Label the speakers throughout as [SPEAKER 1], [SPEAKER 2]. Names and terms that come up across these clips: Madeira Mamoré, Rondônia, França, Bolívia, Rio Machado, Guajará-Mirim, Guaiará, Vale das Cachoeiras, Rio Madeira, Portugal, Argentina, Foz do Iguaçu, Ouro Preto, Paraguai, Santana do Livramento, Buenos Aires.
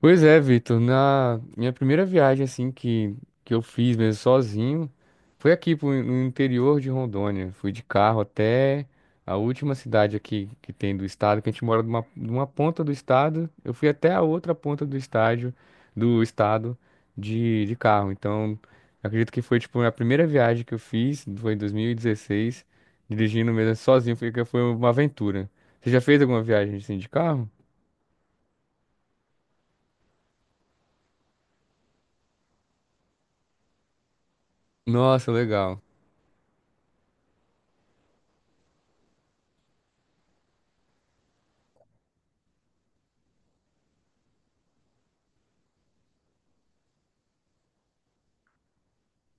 [SPEAKER 1] Pois é, Vitor, na minha primeira viagem assim que eu fiz mesmo sozinho foi no interior de Rondônia. Fui de carro até a última cidade aqui que tem do estado, que a gente mora numa ponta do estado. Eu fui até a outra ponta do estado de carro. Então, acredito que foi tipo a primeira viagem que eu fiz, foi em 2016, dirigindo mesmo sozinho, foi uma aventura. Você já fez alguma viagem assim de carro? Nossa, legal.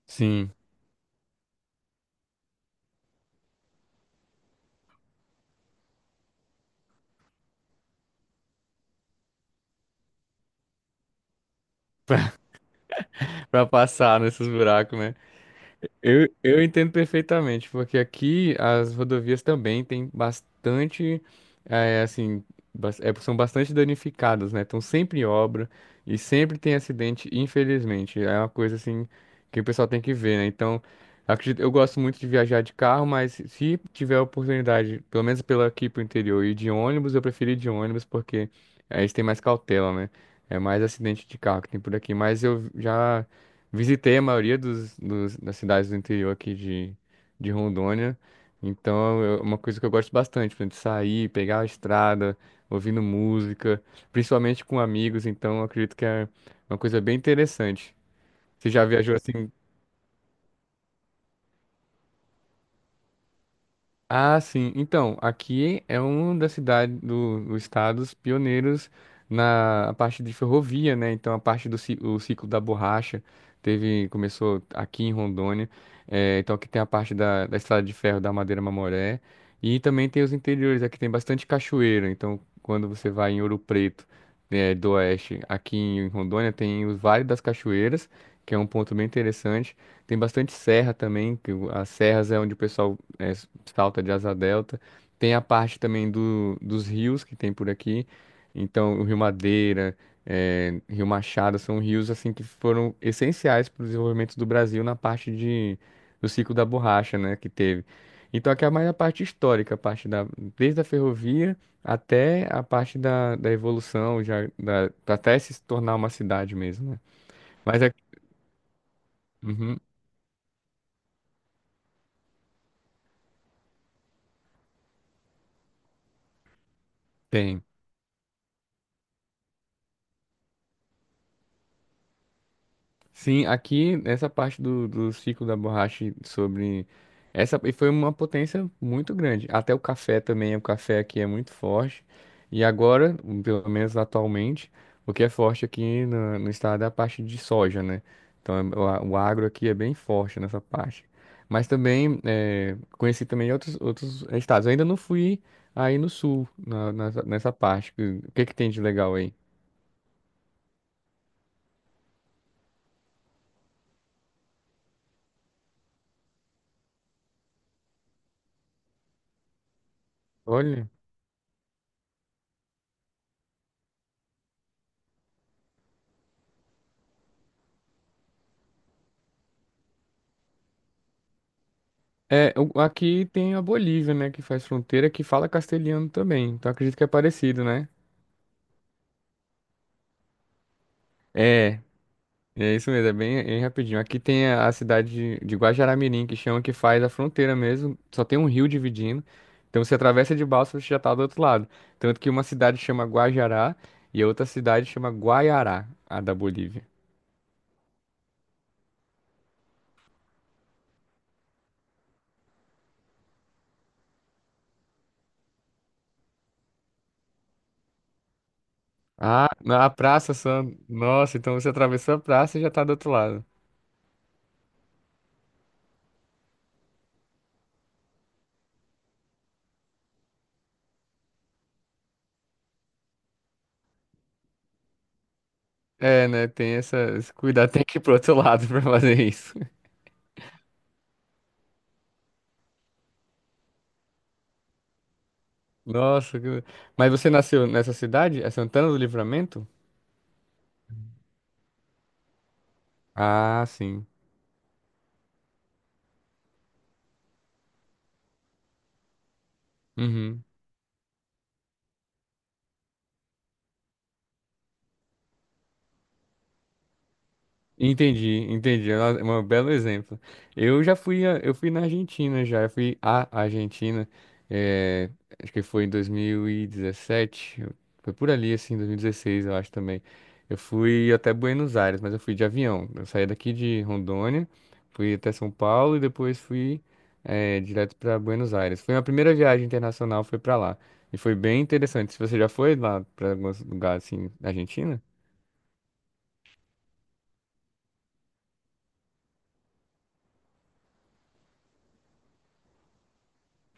[SPEAKER 1] Sim. Pra passar nesses buracos, né? Eu entendo perfeitamente, porque aqui as rodovias também têm bastante, é, assim, são bastante danificadas, né? Estão sempre em obra e sempre tem acidente, infelizmente. É uma coisa, assim, que o pessoal tem que ver, né? Então, acredito, eu gosto muito de viajar de carro, mas se tiver a oportunidade, pelo menos pela aqui pro interior, e de ônibus, eu prefiro ir de ônibus, porque aí eles têm mais cautela, né? É mais acidente de carro que tem por aqui, mas eu já. Visitei a maioria das cidades do interior aqui de Rondônia. Então, é uma coisa que eu gosto bastante, por exemplo, de sair, pegar a estrada, ouvindo música, principalmente com amigos. Então, eu acredito que é uma coisa bem interessante. Você já viajou assim. Ah, sim. Então, aqui é um das cidades dos estados pioneiros na parte de ferrovia, né? Então, a parte do ci- o ciclo da borracha teve começou aqui em Rondônia. Então, aqui tem a parte da estrada de ferro da Madeira Mamoré e também tem os interiores. Aqui tem bastante cachoeira. Então, quando você vai em Ouro Preto, do oeste, aqui em Rondônia tem o Vale das Cachoeiras, que é um ponto bem interessante. Tem bastante serra também, que as serras é onde o pessoal é, salta de Asa Delta. Tem a parte também dos rios que tem por aqui. Então, o Rio Madeira, é, Rio Machado são rios assim que foram essenciais para o desenvolvimento do Brasil na parte de, do ciclo da borracha, né, que teve. Então, aqui é mais a parte histórica, desde a ferrovia até a parte da evolução, já, até se tornar uma cidade mesmo, né? Mas é, uhum, tem. Sim, aqui essa parte do ciclo da borracha sobre essa e foi uma potência muito grande. Até o café também, o café aqui é muito forte. E agora, pelo menos atualmente, o que é forte aqui no estado é a parte de soja, né? Então o agro aqui é bem forte nessa parte. Mas também conheci também outros estados. Eu ainda não fui aí no sul nessa nessa, parte. O que que tem de legal aí? Olha. Aqui tem a Bolívia, né, que faz fronteira, que fala castelhano também. Então acredito que é parecido, né? É, é isso mesmo, é bem, é rapidinho. Aqui tem a cidade de Guajará-Mirim, que chama que faz a fronteira mesmo. Só tem um rio dividindo. Então você atravessa de balsa, você já tá do outro lado. Tanto que uma cidade chama Guajará e a outra cidade chama Guaiará, a da Bolívia. Ah, na praça, só. Nossa, então você atravessou a praça e já tá do outro lado. É, né? Tem essa, esse cuidado, tem que ir pro outro lado pra fazer isso. Nossa, que- mas você nasceu nessa cidade? É Santana do Livramento? Ah, sim. Uhum. Entendi, entendi. É um belo exemplo. Eu fui na Argentina já, eu fui à Argentina, eh, acho que foi em 2017, foi por ali assim, 2016 eu acho também. Eu fui até Buenos Aires, mas eu fui de avião. Eu saí daqui de Rondônia, fui até São Paulo e depois fui, direto para Buenos Aires. Foi a primeira viagem internacional, foi para lá e foi bem interessante. Se você já foi lá para alguns lugares assim, na Argentina?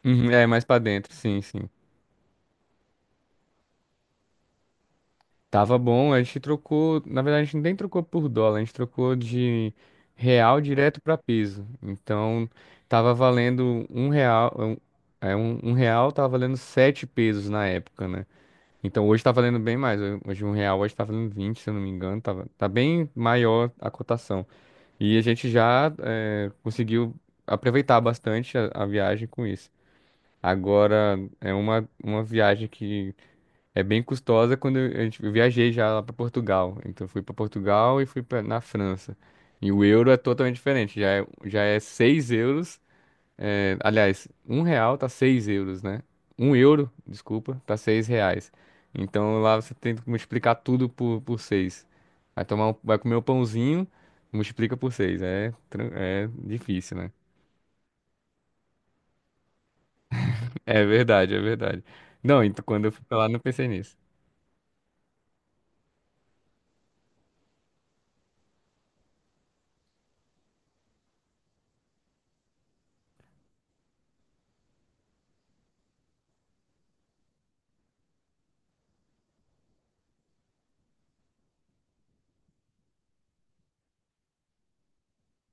[SPEAKER 1] Uhum, é mais para dentro, sim, sim. Tava bom, a gente trocou, na verdade a gente nem trocou por dólar, a gente trocou de real direto para peso. Então tava valendo um real, um, é, um real tava valendo 7 pesos na época, né? Então hoje tá valendo bem mais, hoje um real hoje tá valendo 20, se eu não me engano, tava, tá bem maior a cotação. E a gente já é, conseguiu aproveitar bastante a viagem com isso. Agora é uma viagem que é bem custosa quando eu viajei já lá para Portugal. Então fui para Portugal e fui na França. E o euro é totalmente diferente. Já é 6 euros. É, aliás, um real tá 6 euros, né? Um euro, desculpa, tá 6 reais. Então lá você tem que multiplicar tudo por 6. Vai comer um pãozinho, multiplica por 6. É, é difícil, né? É verdade, é verdade. Não, então quando eu fui pra lá não pensei nisso.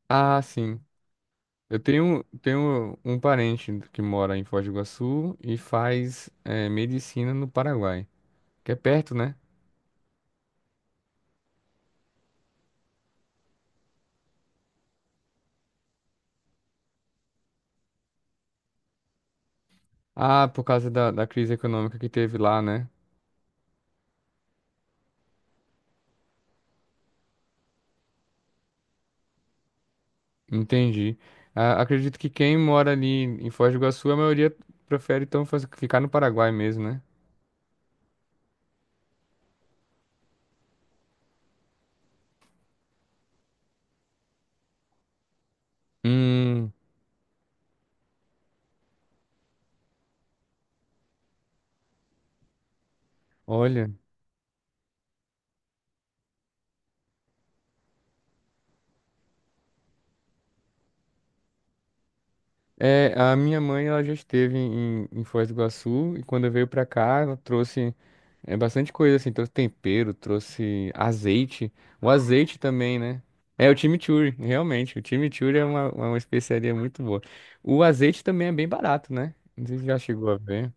[SPEAKER 1] Ah, sim. Tenho um parente que mora em Foz do Iguaçu e faz medicina no Paraguai, que é perto, né? Ah, por causa da crise econômica que teve lá, né? Entendi. Ah, acredito que quem mora ali em Foz do Iguaçu, a maioria prefere então ficar no Paraguai mesmo, né? Hum, olha. É, a minha mãe ela já esteve em Foz do Iguaçu e quando veio pra cá ela trouxe bastante coisa assim, trouxe tempero, trouxe azeite, o azeite também, né? É o chimichurri, realmente, o chimichurri é uma especiaria muito boa. O azeite também é bem barato, né? Não sei se já chegou a ver.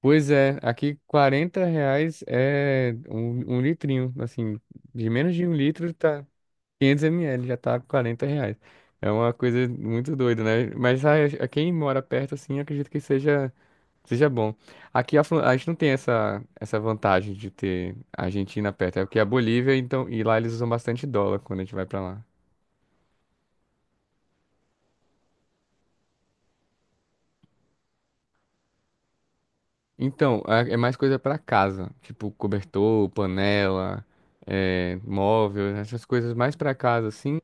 [SPEAKER 1] Pois é, aqui R$ 40 é um, um litrinho, assim, de menos de um litro tá 500 ml já tá R$ 40. É uma coisa muito doida, né? Mas a quem mora perto, assim, acredito que seja, seja bom. Aqui a gente não tem essa, essa vantagem de ter a Argentina perto. É porque a Bolívia, então, e lá eles usam bastante dólar quando a gente vai pra lá. Então, é mais coisa pra casa. Tipo, cobertor, panela, é, móvel, essas coisas mais pra casa, assim.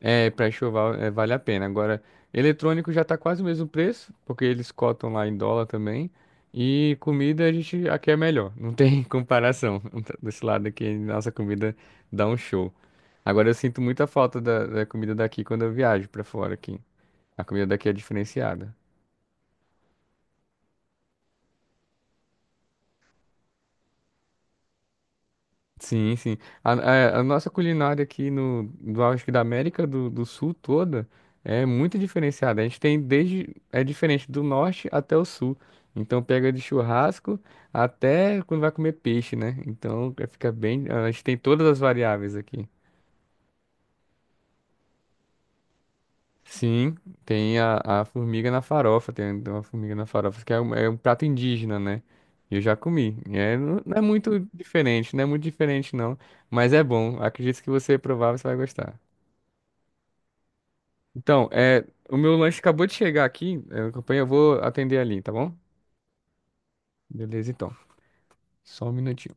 [SPEAKER 1] É, pré-chuval é, vale a pena. Agora, eletrônico já tá quase o mesmo preço, porque eles cotam lá em dólar também. E comida a gente aqui é melhor, não tem comparação. Desse lado aqui, nossa comida dá um show. Agora eu sinto muita falta da comida daqui quando eu viajo pra fora aqui. A comida daqui é diferenciada. Sim, sim. A nossa culinária aqui no, do, acho que da América do Sul toda é muito diferenciada. A gente tem desde, é diferente do norte até o sul. Então pega de churrasco até quando vai comer peixe, né? Fica bem, a gente tem todas as variáveis aqui. Sim, tem a formiga na farofa, tem uma formiga na farofa, que é é um prato indígena, né? Eu já comi. E É, não é muito diferente, não, mas é bom. Acredito que você provar, você vai gostar. Então, é, o meu lanche acabou de chegar aqui, é, campanha, eu vou atender ali, tá bom? Beleza, então. Só um minutinho.